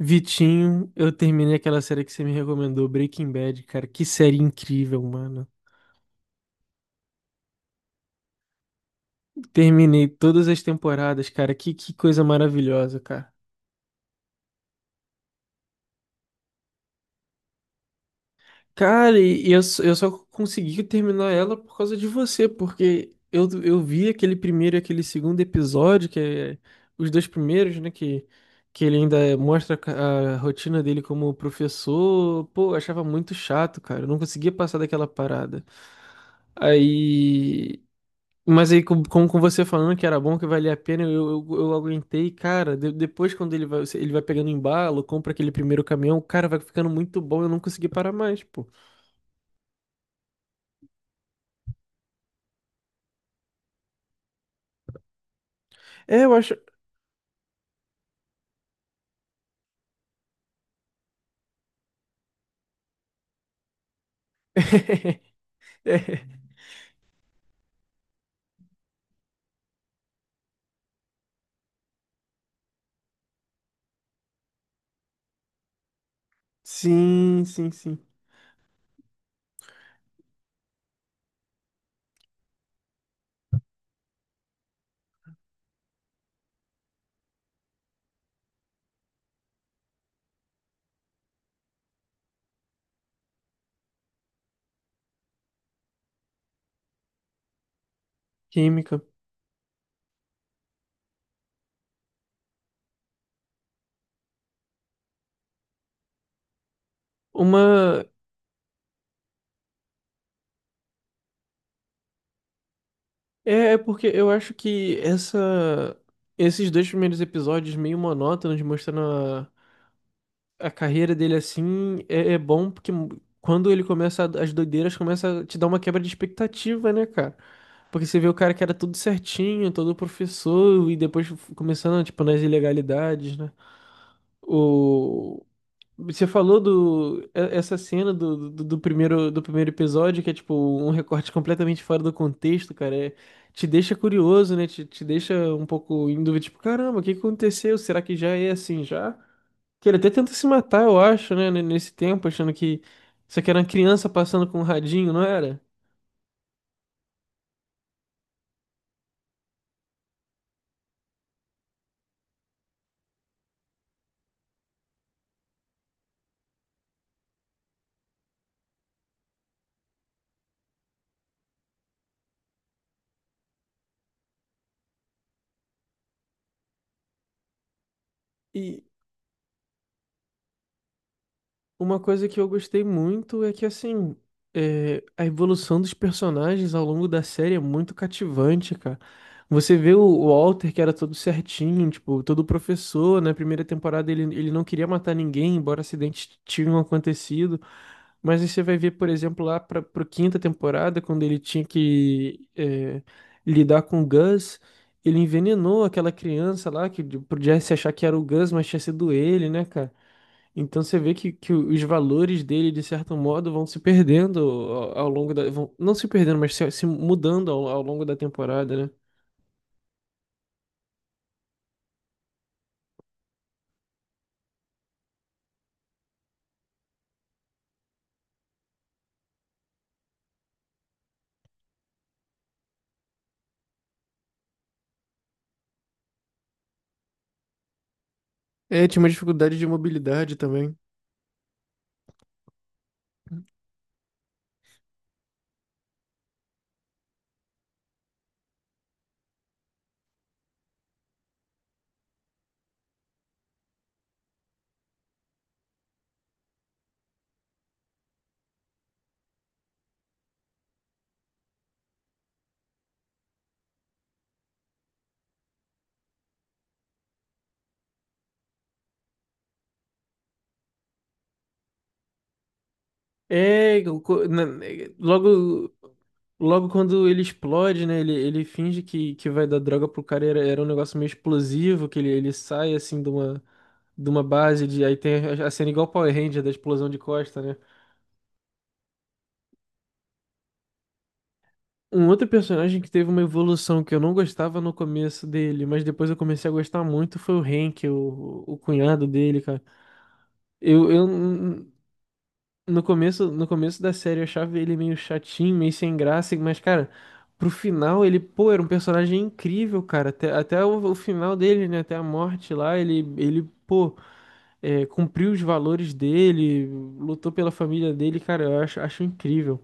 Vitinho, eu terminei aquela série que você me recomendou, Breaking Bad, cara. Que série incrível, mano. Terminei todas as temporadas, cara. Que coisa maravilhosa, cara. Cara, eu só consegui terminar ela por causa de você, porque eu vi aquele primeiro e aquele segundo episódio, que é os dois primeiros, né? Que ele ainda mostra a rotina dele como professor. Pô, eu achava muito chato, cara. Eu não conseguia passar daquela parada. Aí. Mas aí, como com você falando que era bom, que valia a pena, eu aguentei, cara. Depois, quando ele vai pegando embalo, compra aquele primeiro caminhão, cara, vai ficando muito bom, eu não consegui parar mais, pô. É, eu acho. É. Sim, sim, sim. Química. Uma. É, é porque eu acho que essa. Esses dois primeiros episódios meio monótonos, mostrando a carreira dele assim é, é bom porque quando ele as doideiras começa a te dar uma quebra de expectativa, né, cara? Porque você vê o cara que era tudo certinho, todo professor e depois começando tipo nas ilegalidades, né? O você falou essa cena do primeiro do primeiro episódio, que é tipo um recorte completamente fora do contexto, cara, te deixa curioso, né? Te deixa um pouco em dúvida, tipo, caramba, o que aconteceu? Será que já é assim já? Que ele até tenta se matar, eu acho, né? Nesse tempo, achando que isso aqui era uma criança passando com um radinho, não era? E, Uma coisa que eu gostei muito é que, assim, é, a evolução dos personagens ao longo da série é muito cativante, cara. Você vê o Walter, que era todo certinho, tipo, todo professor, na primeira temporada ele não queria matar ninguém, embora acidentes tinham acontecido. Mas aí você vai ver, por exemplo, lá para a quinta temporada, quando ele tinha que é, lidar com o Gus, ele envenenou aquela criança lá, que podia se achar que era o Gus, mas tinha sido ele, né, cara? Então você vê que os valores dele, de certo modo, vão se perdendo ao, ao longo da. Vão, não se perdendo, mas se mudando ao longo da temporada, né? É, tinha uma dificuldade de mobilidade também. É, logo, logo quando ele explode, né? Ele finge que vai dar droga pro cara, era, era um negócio meio explosivo, que ele sai assim de uma base de. Aí tem a cena igual Power Ranger da explosão de costa, né? Um outro personagem que teve uma evolução que eu não gostava no começo dele, mas depois eu comecei a gostar muito foi o Hank, o cunhado dele, cara. Eu, eu n- no começo, no começo da série eu achava ele meio chatinho, meio sem graça, mas cara, pro final ele, pô, era um personagem incrível, cara. Até, o final dele, né, até a morte lá, ele, pô, é, cumpriu os valores dele, lutou pela família dele, cara, eu acho, acho incrível.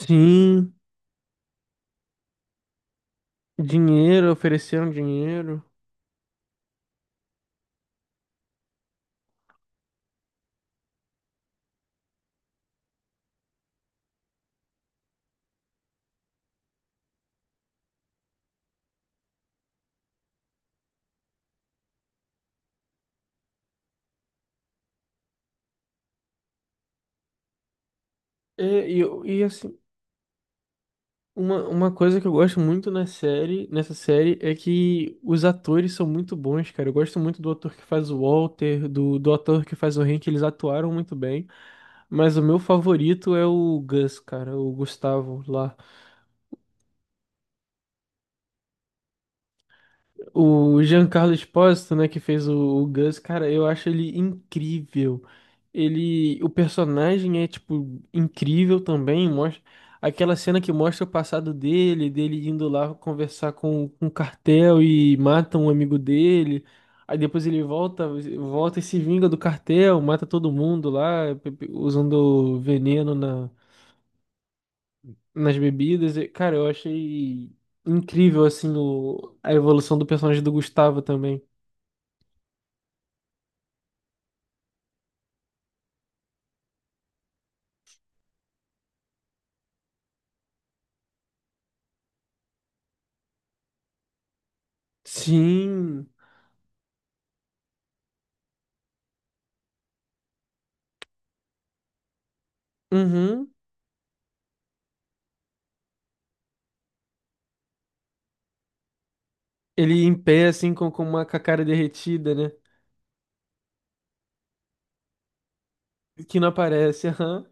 Sim, dinheiro, ofereceram dinheiro. É, e, eu- e assim, uma coisa que eu gosto muito na série, nessa série é que os atores são muito bons, cara. Eu gosto muito do ator que faz o Walter, do ator que faz o Hank, eles atuaram muito bem. Mas o meu favorito é o Gus, cara, o Gustavo lá. O Giancarlo Espósito, né, que fez o Gus, cara, eu acho ele incrível. Ele, o personagem é tipo incrível também, mostra aquela cena que mostra o passado dele, dele indo lá conversar com o cartel e mata um amigo dele. Aí depois ele volta, volta e se vinga do cartel, mata todo mundo lá, usando veneno na, nas bebidas. E, cara, eu achei incrível assim o, a evolução do personagem do Gustavo também. Sim. Uhum. Ele em pé, assim, com uma com a cara derretida, né? Que não aparece. Aham.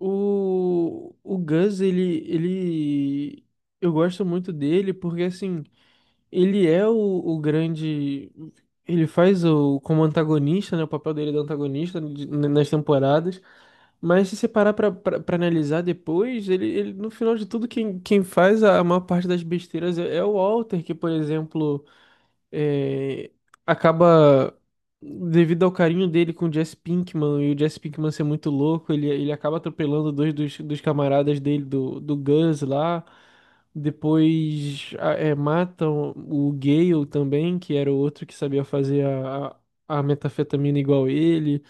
O Gus, ele, ele. Eu gosto muito dele porque, assim, ele é o grande. Ele faz o como antagonista, né? O papel dele é de antagonista nas temporadas. Mas se você parar pra analisar depois, ele, no final de tudo, quem, quem faz a maior parte das besteiras é, é o Walter, que, por exemplo. É, acaba, devido ao carinho dele com o Jesse Pinkman e o Jesse Pinkman ser muito louco, ele acaba atropelando dois dos camaradas dele, do Gus lá. Depois é, matam o Gale também, que era o outro que sabia fazer a metafetamina igual ele.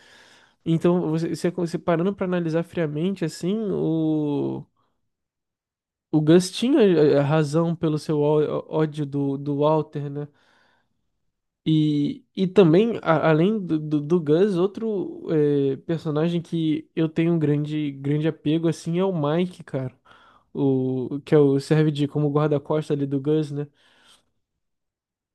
Então, você parando pra analisar friamente, assim, o Gus tinha eh, razão pelo seu ódio do Walter, né? E também, além do Gus, outro eh, personagem que eu tenho um grande, grande apego, assim, é o Mike, cara. O, que é o, serve de como guarda-costas ali do Gus, né?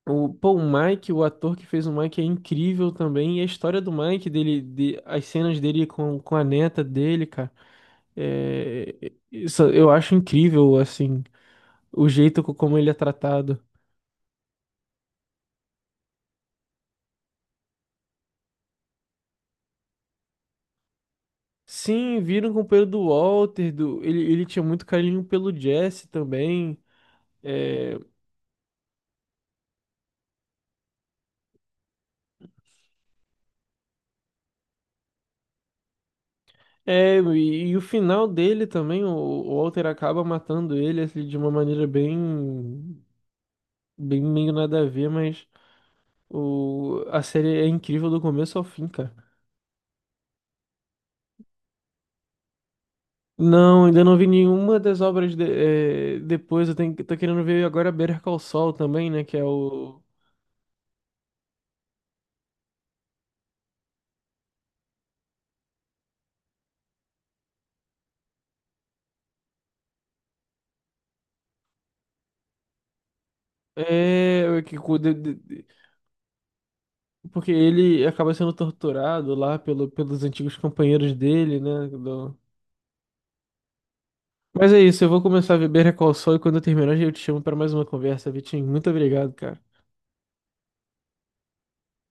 O, pô, o Mike, o ator que fez o Mike é incrível também. E a história do Mike, dele, de, as cenas dele com a neta dele, cara. É, isso eu acho incrível, assim, o jeito como ele é tratado. Sim, viram com o pelo do Walter, do... Ele tinha muito carinho pelo Jesse também. É, é e o final dele também, o Walter acaba matando ele assim, de uma maneira bem, bem meio nada a ver, mas o, a série é incrível do começo ao fim, cara. Não, ainda não vi nenhuma das obras é, depois. Eu tenho, tô querendo ver agora Better Call Saul também, né? Que é o. É, que, cu- de- porque ele acaba sendo torturado lá pelo, pelos antigos companheiros dele, né? Mas é isso, eu vou começar a beber Recall Sol e quando eu terminar eu te chamo para mais uma conversa, Vitinho. Muito obrigado, cara.